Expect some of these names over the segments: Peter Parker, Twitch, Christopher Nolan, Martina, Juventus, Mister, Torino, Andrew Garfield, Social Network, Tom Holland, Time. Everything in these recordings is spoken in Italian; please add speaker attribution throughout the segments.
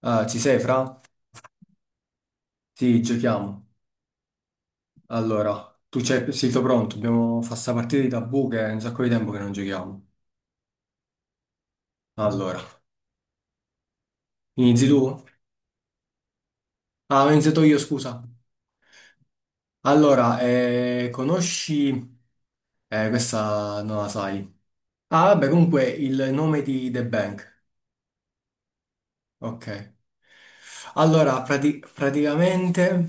Speaker 1: Ah, ci sei, Fra? Sì, giochiamo. Allora, tu c'è, sei tu pronto? Dobbiamo fare sta partita di tabù che è un sacco di tempo che non giochiamo. Allora, inizi tu? Ah, ho iniziato io, scusa. Allora, conosci... Questa non la sai. Ah, vabbè, comunque il nome di The Bank. Ok. Allora, praticamente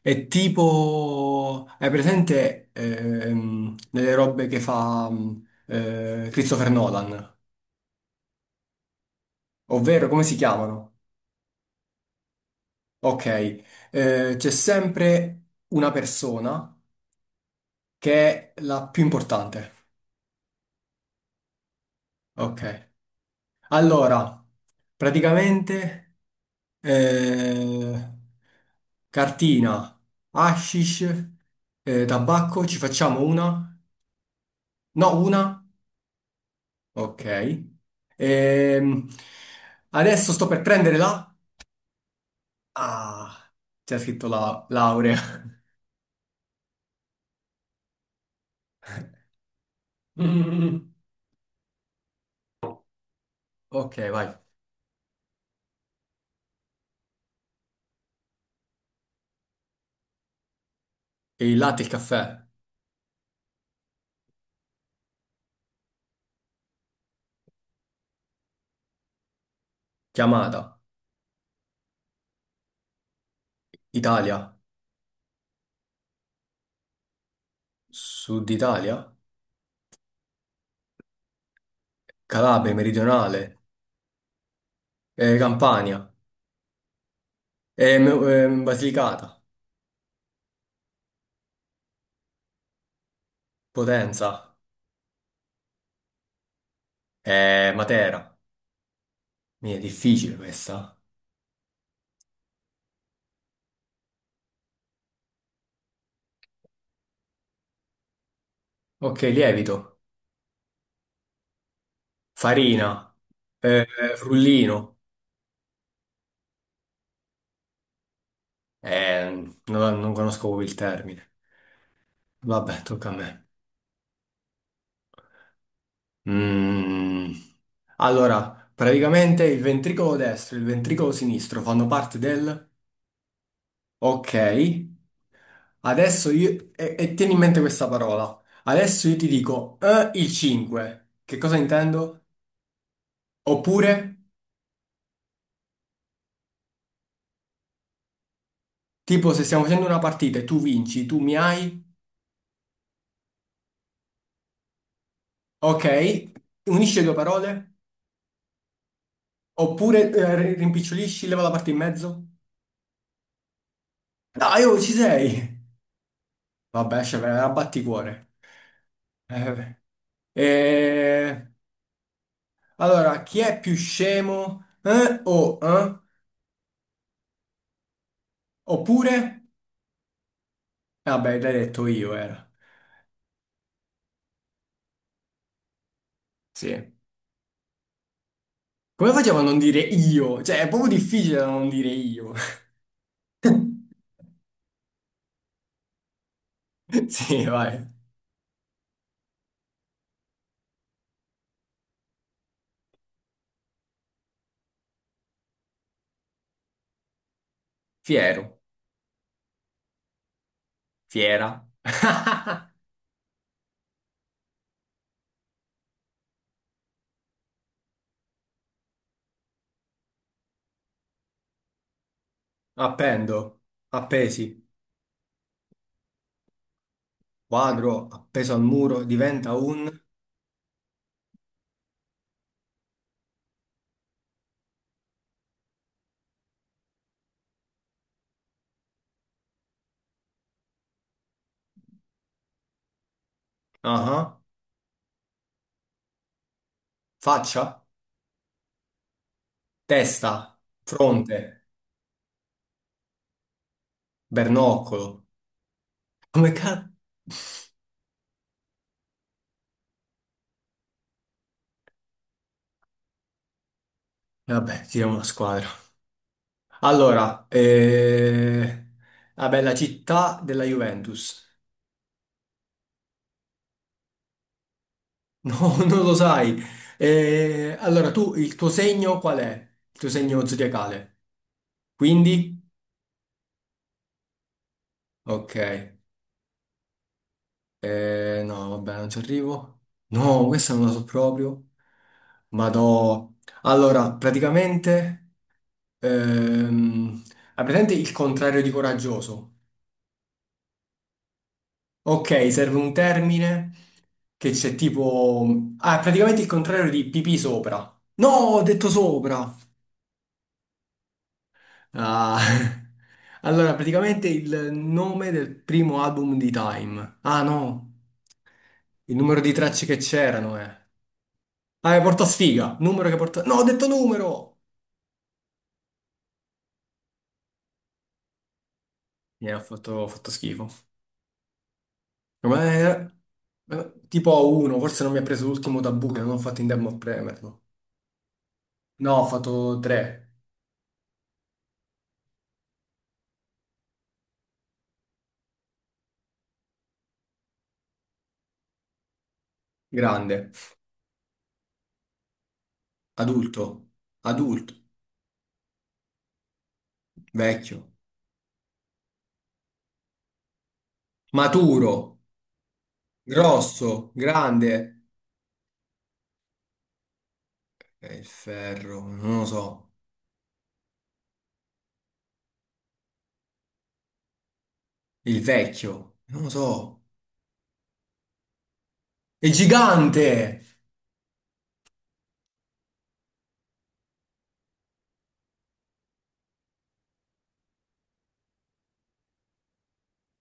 Speaker 1: è tipo... Hai presente nelle robe che fa Christopher Nolan? Ovvero, come si chiamano? Ok, c'è sempre una persona che è la più importante. Ok, allora, praticamente, eh, cartina, hashish, tabacco, ci facciamo una? No, una? Ok. Ehm, Adesso sto per prendere la... Ah, c'è scritto la laurea. Mm. Ok, vai. E il latte e il caffè, chiamata, Italia, Sud Italia, Calabria, Meridionale, Campania, Basilicata, Potenza, Matera. Mi è difficile questa. Ok, lievito, farina, eh, frullino. Non conosco proprio il termine. Vabbè, tocca a me. Mm. Allora, praticamente il ventricolo destro e il ventricolo sinistro fanno parte del... Ok. Adesso io, e tieni in mente questa parola. Adesso io ti dico il 5. Che cosa intendo? Oppure, tipo, se stiamo facendo una partita e tu vinci, tu mi hai, ok, unisci le due parole. Oppure rimpicciolisci, leva la parte in mezzo. Dai, oh, ci sei! Vabbè, cioè, vai, abbatticuore. Vabbè. Eh, allora, chi è più scemo? O eh? Oppure, vabbè, l'hai detto io, era. Sì. Come facciamo a non dire io? Cioè, è proprio difficile da non dire io. Sì, vai. Fiero, fiera. Appendo, appesi, quadro, appeso al muro, diventa un... Ah, faccia, testa, fronte, bernoccolo. Come cazzo? Vabbè, siamo una squadra. Allora, vabbè, la città della Juventus. No, non lo sai. Allora, tu, il tuo segno qual è? Il tuo segno zodiacale? Quindi? Ok. No, vabbè, non ci arrivo. No, questa non la so proprio. Ma no. Allora, praticamente... ehm, hai presente il contrario di coraggioso? Ok, serve un termine che c'è tipo... Ah, praticamente il contrario di pipì sopra. No, ho detto sopra. Ah, allora, praticamente il nome del primo album di Time. Ah, no, il numero di tracce che c'erano, eh. Ah, porta sfiga, numero che porta... No, ho detto numero! Mi ha fatto schifo. Ma è- tipo a uno, forse non mi ha preso l'ultimo tabù che non ho fatto in tempo a premerlo. No, ho fatto tre. Grande, adulto, adulto, vecchio, maturo, grosso, grande. E il ferro, non lo so. Il vecchio, non lo so. È gigante!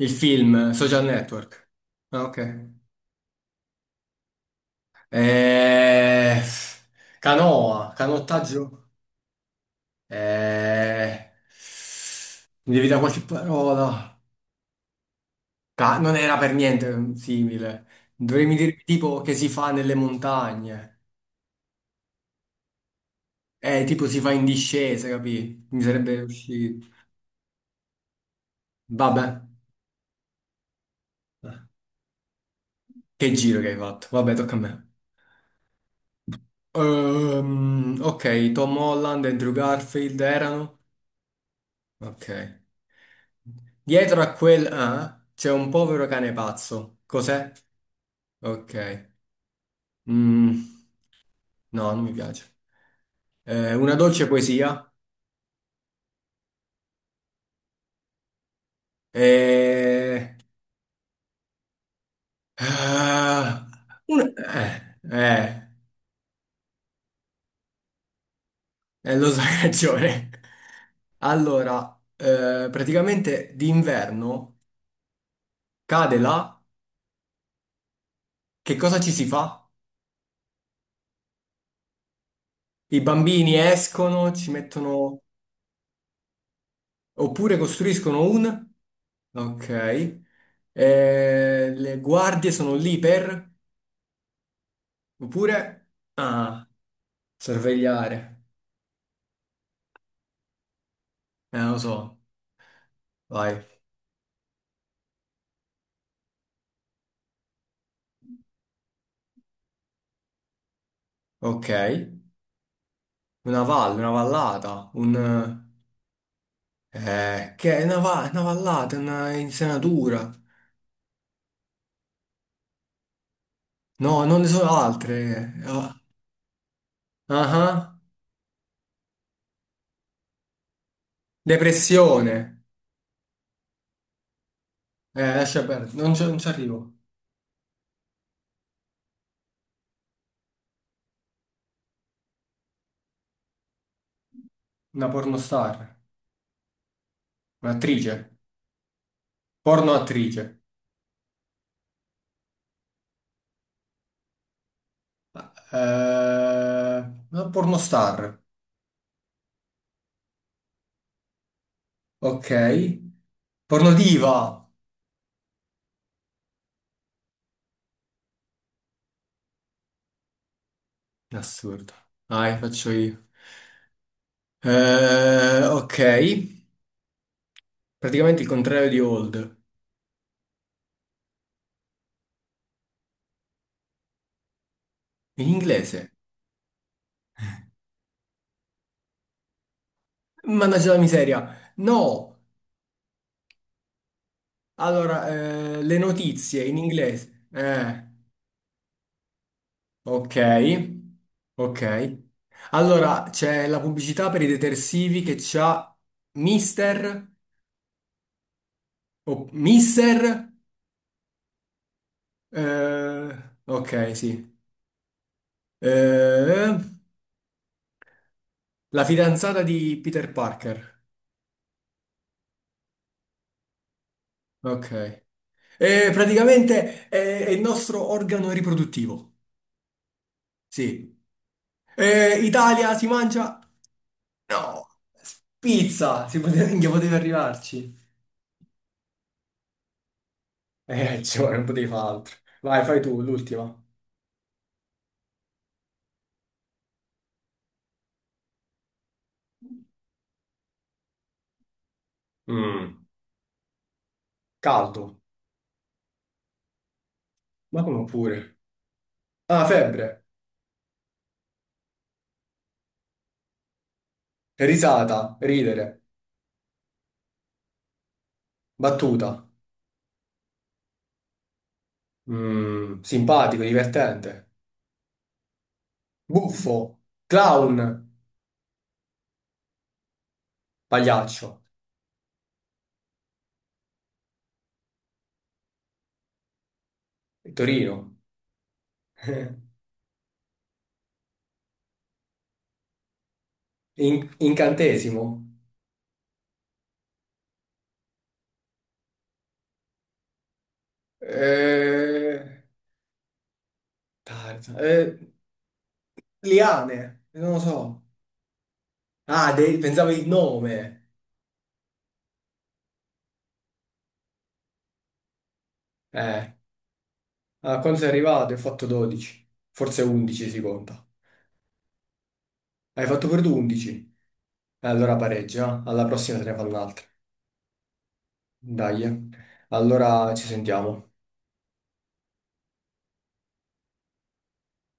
Speaker 1: Il film, Social Network. Ah, ok. Eh, Canoa, canottaggio. Eh, Mi devi dare qualche parola. Non era per niente simile. Dovremmo dire tipo che si fa nelle montagne. Tipo si fa in discesa, capì? Mi sarebbe uscito. Vabbè. Che giro che hai fatto. Vabbè, tocca a me. Ok, Tom Holland e Andrew Garfield erano? Ok. Dietro a quel c'è un povero cane pazzo. Cos'è? Ok. Mm, no, non mi piace. Una dolce poesia. Eh, ah, un- eh, eh, lo so, hai ragione. Allora, praticamente d'inverno cade là. Che cosa ci si fa? I bambini escono, ci mettono oppure costruiscono un, ok. Le guardie sono lì per oppure ah, sorvegliare. Lo so. Vai. Ok. Una valle, una vallata, un che è una vallata, una insenatura. No, non ne sono altre. Ah, ah. Depressione. Lascia perdere, non ci arrivo. Una pornostar, un'attrice. Porno attrice. Eh, Pornostar. Ok. Pornodiva. Assurdo. Dai, faccio io. Ok. Praticamente il contrario di old. In inglese. Mannaggia la miseria. No. Allora, le notizie in inglese. Ok. Ok. Allora, c'è la pubblicità per i detersivi che c'ha Mister o Mister. Eh, ok, sì. Eh, la fidanzata di Peter Parker. Ok. Praticamente è il nostro organo riproduttivo. Sì. Italia si mangia? No. Pizza. Si poteva, minchia, poteva arrivarci. Cioè, non potevi fare altro. Vai, fai tu, l'ultima. Mm. Caldo. Ma come pure? Ah, febbre. Risata. Ridere. Battuta. Simpatico, divertente. Buffo, clown, pagliaccio, Torino, incantesimo, eh, tarza, eh, liane, non lo so. Ah, pensavo il nome. Eh, A quando sei arrivato? Hai fatto 12, forse 11 si conta. Hai fatto per tu 11? Allora pareggia, alla prossima te ne fanno un'altra. Dai, eh. Allora ci sentiamo.